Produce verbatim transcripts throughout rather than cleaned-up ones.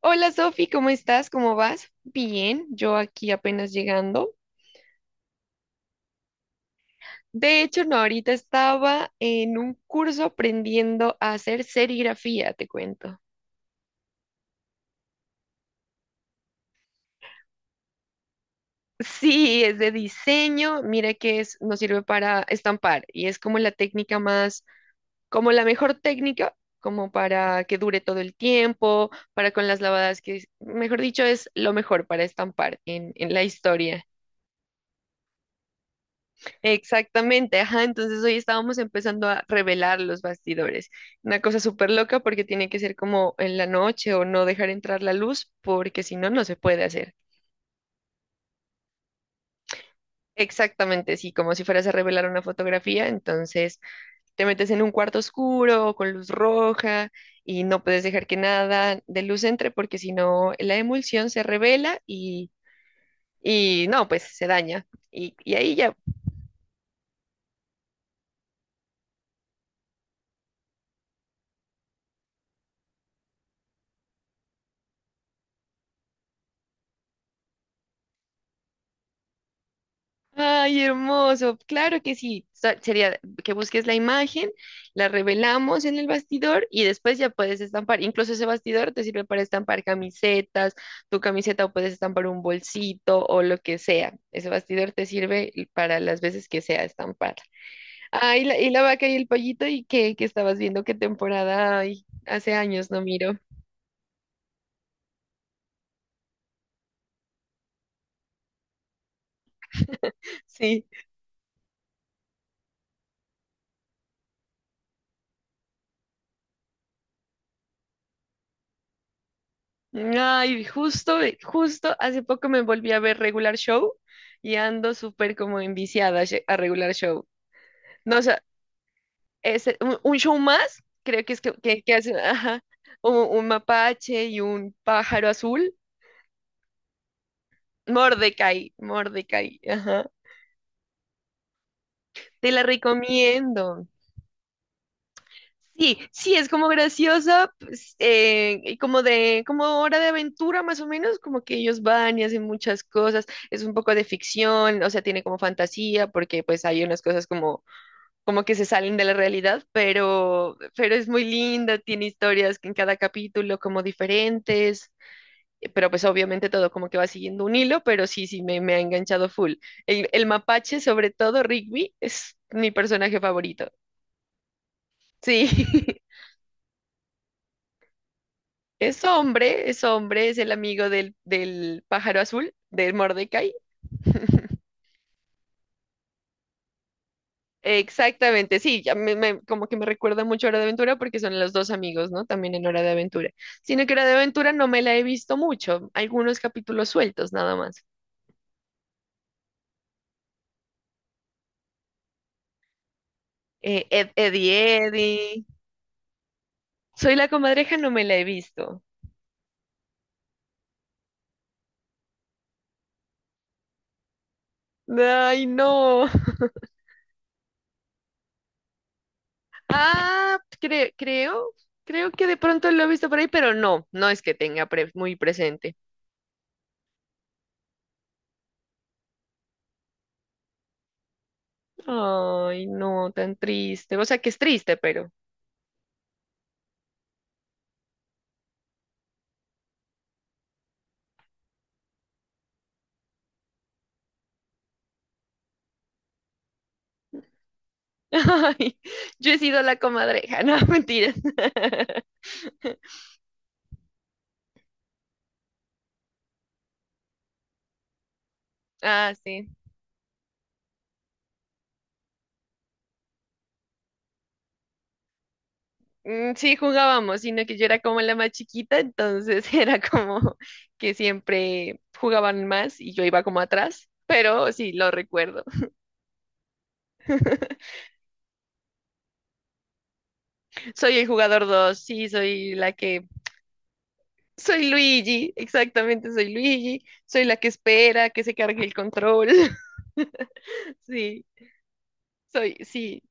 Hola Sofi, ¿cómo estás? ¿Cómo vas? Bien, yo aquí apenas llegando. De hecho, no, ahorita estaba en un curso aprendiendo a hacer serigrafía, te cuento. Sí, es de diseño, mira que es, nos sirve para estampar y es como la técnica más, como la mejor técnica, como para que dure todo el tiempo, para con las lavadas que, mejor dicho, es lo mejor para estampar en en la historia. Exactamente, ajá, entonces hoy estábamos empezando a revelar los bastidores. Una cosa súper loca porque tiene que ser como en la noche o no dejar entrar la luz porque si no, no se puede hacer. Exactamente, sí, como si fueras a revelar una fotografía, entonces te metes en un cuarto oscuro con luz roja y no puedes dejar que nada de luz entre porque si no, la emulsión se revela y, y no, pues se daña. Y, y ahí ya. Ay, hermoso. Claro que sí. Sa- Sería que busques la imagen, la revelamos en el bastidor y después ya puedes estampar. Incluso ese bastidor te sirve para estampar camisetas, tu camiseta o puedes estampar un bolsito o lo que sea. Ese bastidor te sirve para las veces que sea estampar. Ay, y la, y la vaca y el pollito y qué, qué estabas viendo qué temporada. Ay, hace años no miro. Sí. Ay, justo, justo hace poco me volví a ver Regular Show y ando súper como enviciada a She- a Regular Show. No, o sea, es eh, un, un show más, creo que es que, que, que hacen, ajá, un, un mapache y un pájaro azul. Mordecai, Mordecai, ajá. Te la recomiendo. Sí, sí, es como graciosa, pues, eh, y como de, como Hora de Aventura más o menos, como que ellos van y hacen muchas cosas, es un poco de ficción, o sea, tiene como fantasía, porque pues hay unas cosas como, como que se salen de la realidad, pero, pero es muy linda, tiene historias que en cada capítulo como diferentes. Eh, pero pues obviamente todo como que va siguiendo un hilo, pero sí, sí, me, me ha enganchado full. El, el mapache, sobre todo Rigby, es mi personaje favorito, sí. Es hombre, es hombre, es el amigo del, del pájaro azul, del Mordecai. Exactamente, sí, ya me- me- como que me recuerda mucho a Hora de Aventura porque son los dos amigos, ¿no? También en Hora de Aventura. Sino que Hora de Aventura no me la he visto mucho, algunos capítulos sueltos nada más. Eh, Ed, Eddie, Eddie. Soy la comadreja, no me la he visto. Ay, no. Ah, cre- creo, creo que de pronto lo he visto por ahí, pero no, no es que tenga pre- muy presente. Ay, no, tan triste. O sea que es triste, pero. Ay, yo he sido la comadreja, no, mentiras. Ah, sí. Mm, sí, jugábamos, sino que yo era como la más chiquita, entonces era como que siempre jugaban más y yo iba como atrás, pero sí, lo recuerdo. Soy el jugador dos, sí, soy la que... Soy Luigi, exactamente, soy Luigi, soy la que espera que se cargue el control. Sí, soy, sí,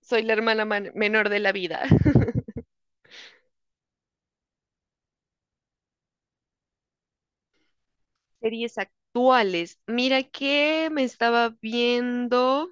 soy la hermana man- menor de la vida. Series actuales. Mira que me estaba viendo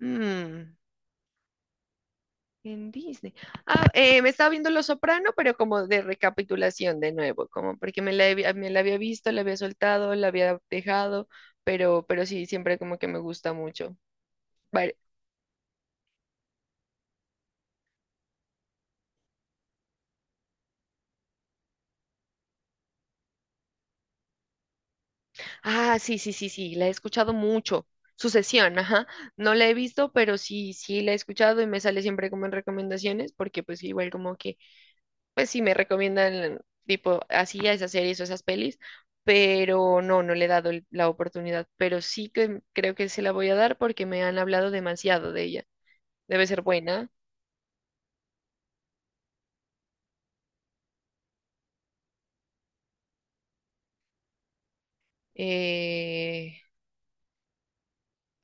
mm, en Disney. Ah, eh, me estaba viendo Los Soprano, pero como de recapitulación de nuevo, como porque me la, había- me la había visto, la había soltado, la había dejado, pero, pero sí, siempre como que me gusta mucho. Vale. Ah, sí, sí, sí, sí, la he escuchado mucho. Sucesión, ajá. No la he visto, pero sí, sí la he escuchado y me sale siempre como en recomendaciones, porque pues igual como que pues sí me recomiendan tipo así a esas series o esas pelis, pero no, no le he dado el- la oportunidad, pero sí que creo que se la voy a dar porque me han hablado demasiado de ella. Debe ser buena. Eh,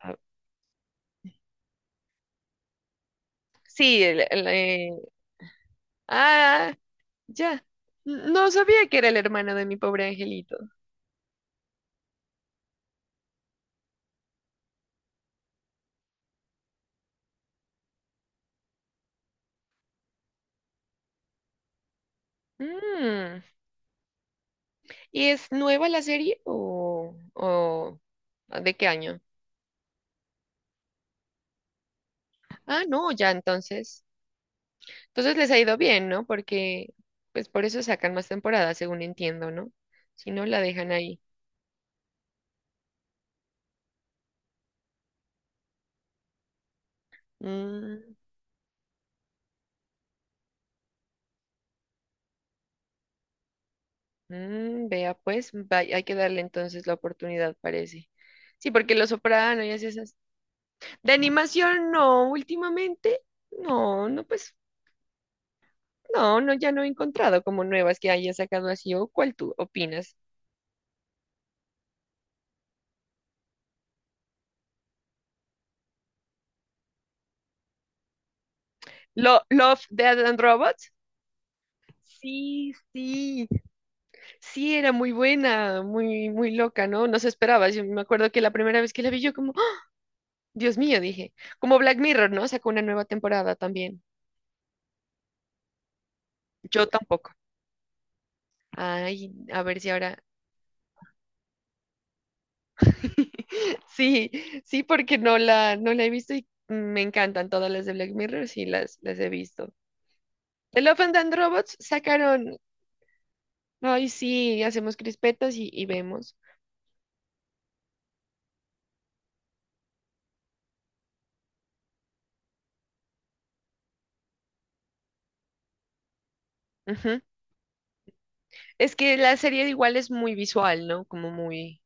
ah, sí, el- el, eh, ah, ya. No sabía que era el hermano de Mi Pobre Angelito. Mm. ¿Y es nueva la serie, o, o ah, de qué año? Ah, no, ya entonces. Entonces les ha ido bien, ¿no? Porque pues por eso sacan más temporadas, según entiendo, ¿no? Si no, la dejan ahí. Mm, mm, Vea, pues vay- hay que darle entonces la oportunidad, parece. Sí, porque Los Soprano y así esas. De animación, no, últimamente, no, no, pues, no, no, ya no he encontrado como nuevas que haya sacado así. ¿O cuál tú opinas? Lo, Love, Death and Robots. Sí, sí. Sí, era muy buena, muy, muy loca, ¿no? No se esperaba. Yo me acuerdo que la primera vez que la vi, yo como: "¡Ah! Dios mío", dije, como Black Mirror, ¿no? Sacó una nueva temporada también. Yo tampoco. Ay, a ver si ahora. Sí, sí, porque no la, no la he visto y me encantan todas las de Black Mirror, sí, las, las he visto. The Love and Death Robots sacaron, ay, sí, hacemos crispetas y, y vemos. Ujú. Es que la serie igual es muy visual, ¿no? Como muy,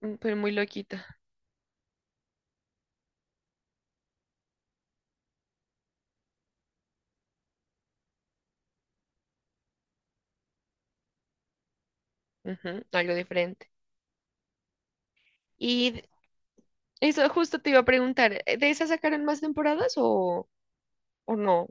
mm, pero muy loquita. Ujú. Algo diferente. Y eso justo te iba a preguntar, ¿eh, ¿de esas sacaron más temporadas o, o no?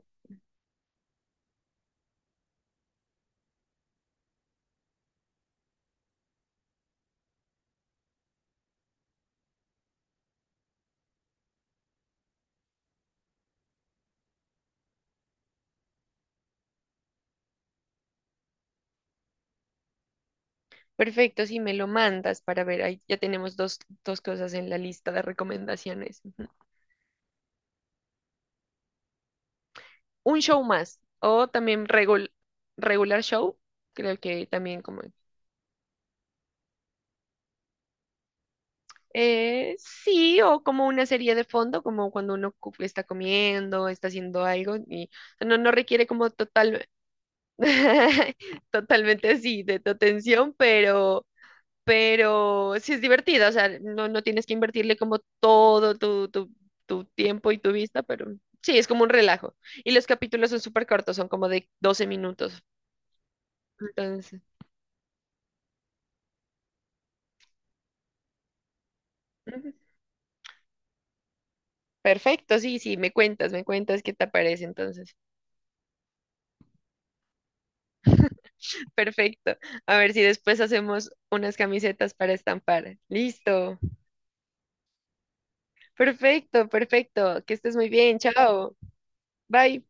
Perfecto, si me lo mandas para ver, ahí ya tenemos dos, dos cosas en la lista de recomendaciones. Ujú. Un show más, o también regul- regular show, creo que también como... eh, Sí, o como una serie de fondo, como cuando uno cu- está comiendo, está haciendo algo, y no, no requiere como total, totalmente así de tu atención, pero... pero sí es divertida, o sea, no, no tienes que invertirle como todo tu, tu, tu tiempo y tu vista, pero sí, es como un relajo. Y los capítulos son súper cortos, son como de doce minutos. Entonces, ujú. Perfecto, sí, sí, me cuentas, me cuentas qué te parece entonces. Perfecto. A ver si después hacemos unas camisetas para estampar. Listo. Perfecto, perfecto. Que estés muy bien. Chao. Bye.